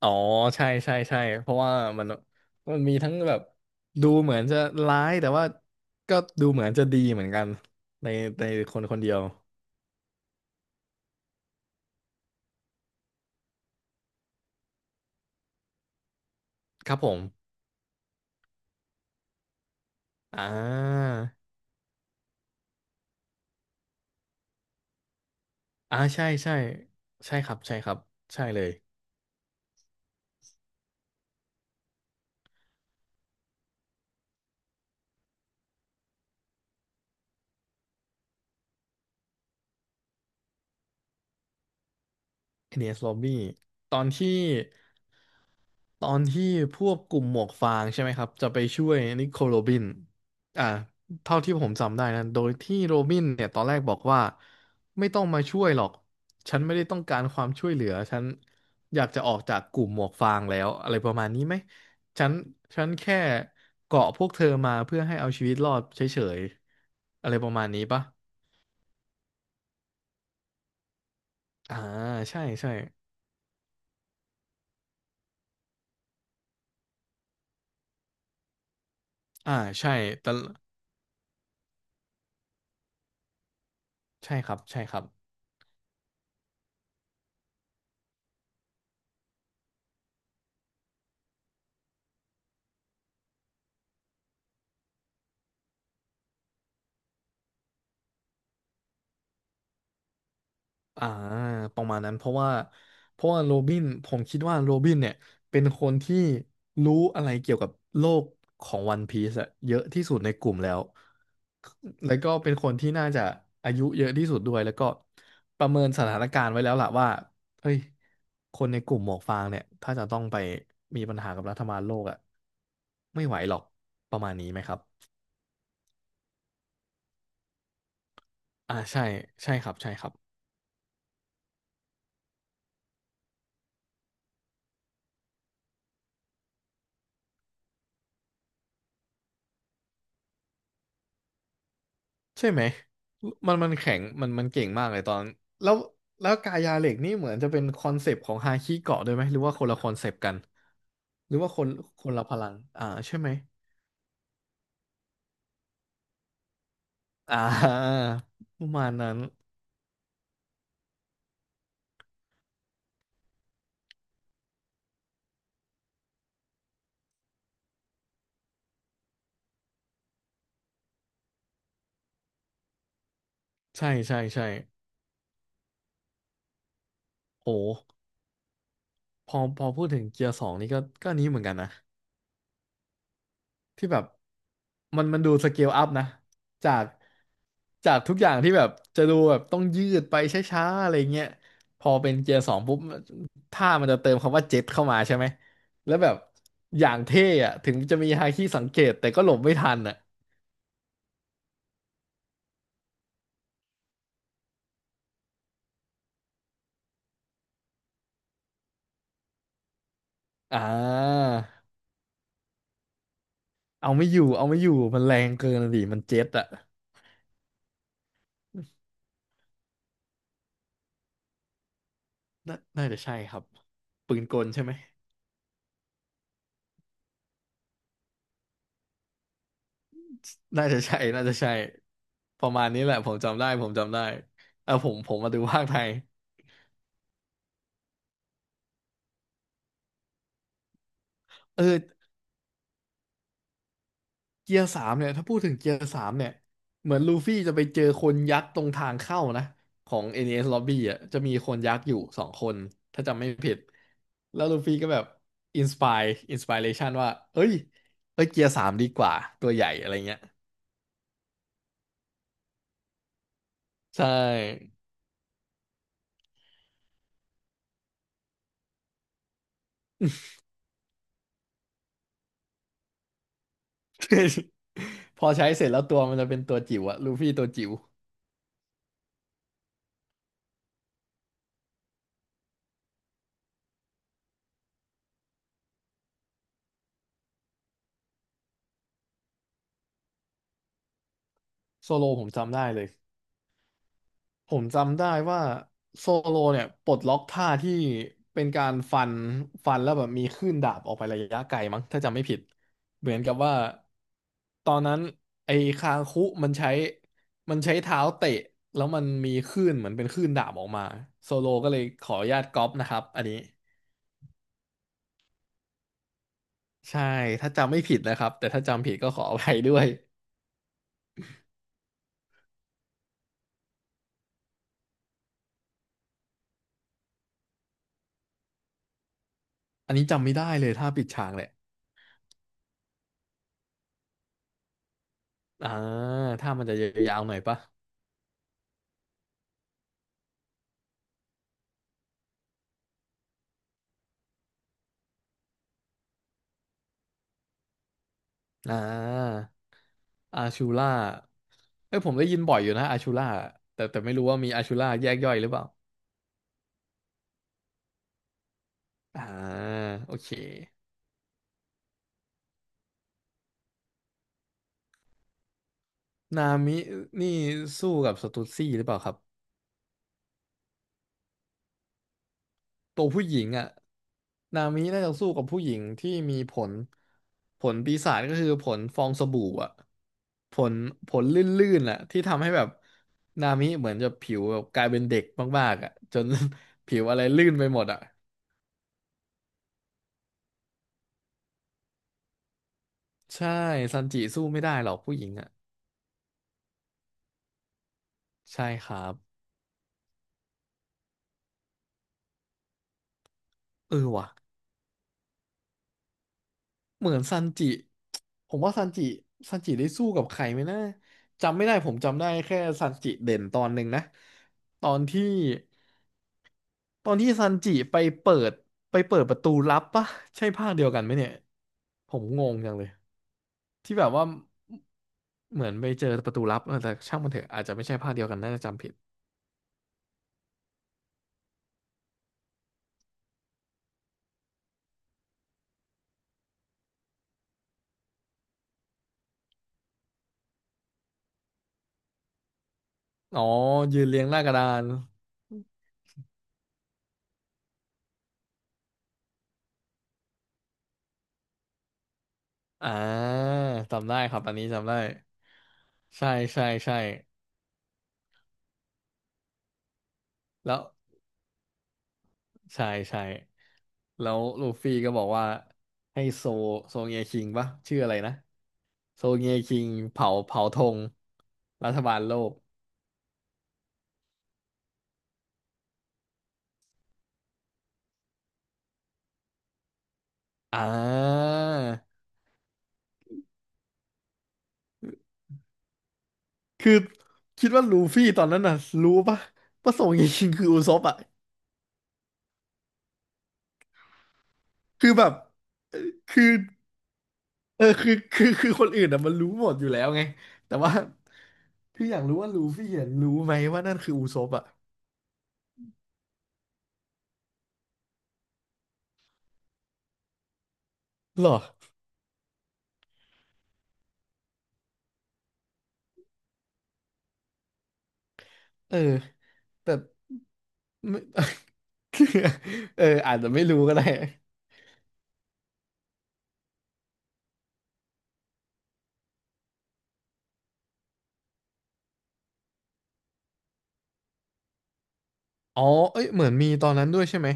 อ๋อใช่ใช่ใช่เพราะว่ามันมันมีทั้งแบบดูเหมือนจะร้ายแต่ว่าก็ดูเหมือนจะดีเหมือนกันในในคนคนเดียวครับผมอ่าอ่าใช่ใช่ใช่ครับใช่ครับใช่เลยเอดนี e s Lobby ตอนที่ ตอนที่พวกกลุ่มหมวกฟางใช่ไหมครับจะไปช่วยนิโคลโรบินอ่าเท่าที่ผมจำได้นะโดยที่โรบินเนี่ยตอนแรกบอกว่าไม่ต้องมาช่วยหรอกฉันไม่ได้ต้องการความช่วยเหลือฉันอยากจะออกจากกลุ่มหมวกฟางแล้วอะไรประมาณนี้ไหมฉันฉันแค่เกาะพวกเธอมาเพื่อให้เอาชีวิตรอดเฉยๆอะไรประมาณนี้ปะอ่าใช่ใช่อ่าใช่แต่ใช่ครับใช่ครับ อ่าประมาณนั้นเพราะว่าโรบินผมคิดว่าโรบินเนี่ยเป็นคนที่รู้อะไรเกี่ยวกับโลกของวันพีซอะเยอะที่สุดในกลุ่มแล้วก็เป็นคนที่น่าจะอายุเยอะที่สุดด้วยแล้วก็ประเมินสถานการณ์ไว้แล้วล่ะว่าเฮ้ยคนในกลุ่มหมวกฟางเนี่ยถ้าจะต้องไปมีปัญหากับรัฐบาลโลกอะไม่ไหวหรอกประมาณนี้ไหมครับอ่าใช่ใช่ครับใช่ครับ ใช่ไหมมันแข็งมันเก่งมากเลยตอนแล้วแล้วกายาเหล็กนี่เหมือนจะเป็นคอนเซปต์ของฮาคิเกาะด้วยไหมหรือว่าคนละคอนเซปต์กันหรือว่าคนละพลังอ่าใช่ไหมอ่า ประมาณนั้นใช่ใช่ใช่โหพอพูดถึงเกียร์สองนี่ก็อันนี้เหมือนกันนะ ที่แบบมันดูสเกลอัพนะจากจากทุกอย่างที่แบบจะดูแบบต้องยืดไปช้าๆอะไรเงี้ยพอเป็นเกียร์สองปุ๊บท่ามันจะเติมคำว่าเจ็ตเข้ามาใช่ไหมแล้วแบบอย่างเท่อะถึงจะมีฮาคิสังเกตแต่ก็หลบไม่ทันอะอ่าเอาไม่อยู่เอาไม่อยู่มันแรงเกินอะดิมันเจ็ตอะน่าจะใช่ครับปืนกลใช่ไหมน่าจะใช่น่าจะใช่ประมาณนี้แหละผมจำได้ผมจำได้เออผมมาดูภาคไทยเออ เกียร์สามเนี่ยถ้าพูดถึงเกียร์สามเนี่ยเหมือนลูฟี่จะไปเจอคนยักษ์ตรงทางเข้านะของ NES Lobby อ่ะจะมีคนยักษ์อยู่สองคนถ้าจำไม่ผิดแล้วลูฟี่ก็แบบอินสปายอินสป r เ t ชันว่าเอ้ยเอ้ยเกียร์สามดีกว่าตัวใหญ่อะไรเงี้ยใช่ พอใช้เสร็จแล้วตัวมันจะเป็นตัวจิ๋วอะลูฟี่ตัวจิ๋วโซโลผมจำได้เลย ผมจำได้ว่าโซโลเนี่ยปลดล็อกท่าที่เป็นการฟันฟันแล้วแบบมีคลื่นดาบออกไประยะไกลมั้งถ้าจำไม่ผิดเหมือนกับว่าตอนนั้นไอ้คางคุมันใช้มันใช้เท้าเตะแล้วมันมีคลื่นเหมือนเป็นคลื่นดาบออกมาโซโลก็เลยขออนุญาตก๊อปนะครับอันนี้ใช่ถ้าจำไม่ผิดนะครับแต่ถ้าจำผิดก็ขออภัยด้วยอันนี้จำไม่ได้เลยท่าปิดฉากแหละอ่าถ้ามันจะยาวๆหน่อยปะอ่า อาชูล่าเอ้ยผมได้ยินบ่อยอยู่นะอาชูล่าแต่ไม่รู้ว่ามีอาชูล่าแยกย่อยหรือเปล่าอ่าโอเคนามินี่สู้กับสตูดซี่หรือเปล่าครับ ตัวผู้หญิงอ่ะนามิน่าจะสู้กับผู้หญิงที่มีผลผลปีศาจก็คือผลฟองสบู่อ่ะผลผลลื่นๆอ่ะที่ทำให้แบบนามิเหมือนจะผิวแบบกลายเป็นเด็กมากๆอ่ะจน ผิวอะไรลื่นไปหมดอ่ะ ใช่ซันจิสู้ไม่ได้หรอกผู้หญิงอ่ะใช่ครับ เออว่ะเหมือนซันจิผมว่าซันจิได้สู้กับใครไหมนะจำไม่ได้ผมจำได้แค่ซันจิเด่นตอนหนึ่งนะตอนที่ตอนที่ซันจิเปิดไปเปิดประตูลับปะใช่ภาคเดียวกันไหมเนี่ยผมงงจังเลยที่แบบว่าเหมือนไปเจอประตูลับเออแต่ช่างมันเถอะอาจจะไม่ใช่ภาคเดียวกันน่าจะจำผิดอ๋อยืนเรียงหน้ากระดานอ่าจำได้ครับอันนี้จำได้ใช่ใช่ใช่แล้ว ใช่ใช่แล้วลูฟี่ก็บอกว่าให้โซเงียคิงปะชื่ออะไรนะโซเงียคิงเผาธงรัฐบาลโลกอ่าคือคิดว่าลูฟี่ตอนนั้นน่ะรู้ปะว่าโซเงียคิงคืออุซปอ่ะคือแบบคือเออคือคือคือคนอื่นอ่ะมันรู้หมดอยู่แล้วไงแต่ว่าคืออยากรู้ว่าลูฟี่เห็นรู้ไหมว่านั่นคืออุซปอ่ะหรอเออแต่ไม่ เอออาจจะไม่รู้ก็ได้อ๋อเอ้ยเหมือนมีตอนนั้นด้วยใช่ไหม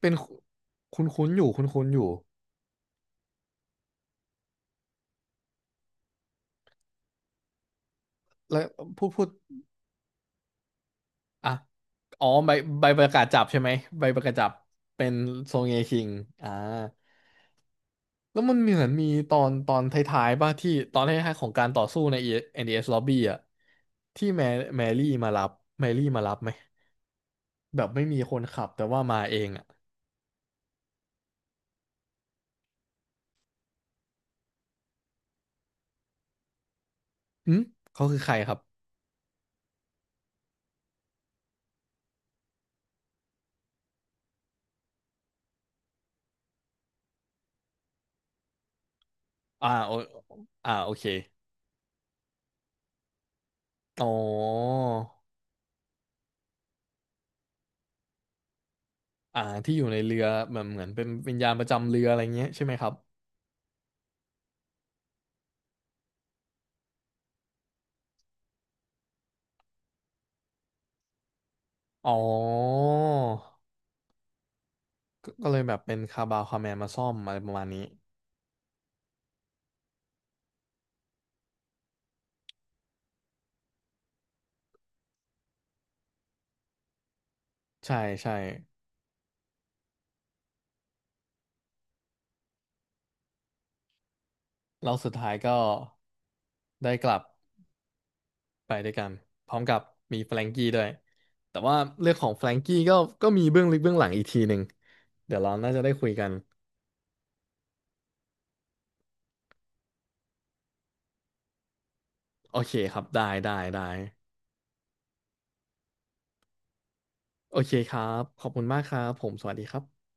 เป็นคุ้นคุ้นๆอยู่คุ้นคุ้นอยู่แล้วพูดอ่ะอ๋อใบประกาศจับใช่ไหมใบประกาศจับเป็นโซเงคิงอ่าแล้วมันเหมือนมีตอนท้ายๆป่ะที่ตอนท้ายๆของการต่อสู้ใน NDS Lobby อ่ะที่แมรี่มารับไหมแบบไม่มีคนขับแต่ว่ามาเองอ่ะอืมเขาคือใครครับอ่าโออ่าโอเคอ๋อ อ่าที่อยู่ในเรือแบบเหมือนเป็นวิญญาณประจำเรืออะไรเงี้ยใช่ไหมครับอ๋อก็เลยแบบเป็นคาบาวคาแมนมาซ่อมอะไรประมาณนี้ใช่ใช่แล้วสุดท้ายก็ได้กลับไปด้วยกันพร้อมกับมีแฟรงกี้ด้วยแต่ว่าเรื่องของแฟรงกี้ก็มีเบื้องลึกเบื้องหลังอีกทีหนึ่งเดี๋ยวเราน่าจะได้คุยกันโอเคครับได้ได้ได้โอเคครับขอบคุณมากครับผมสวัสดีครับ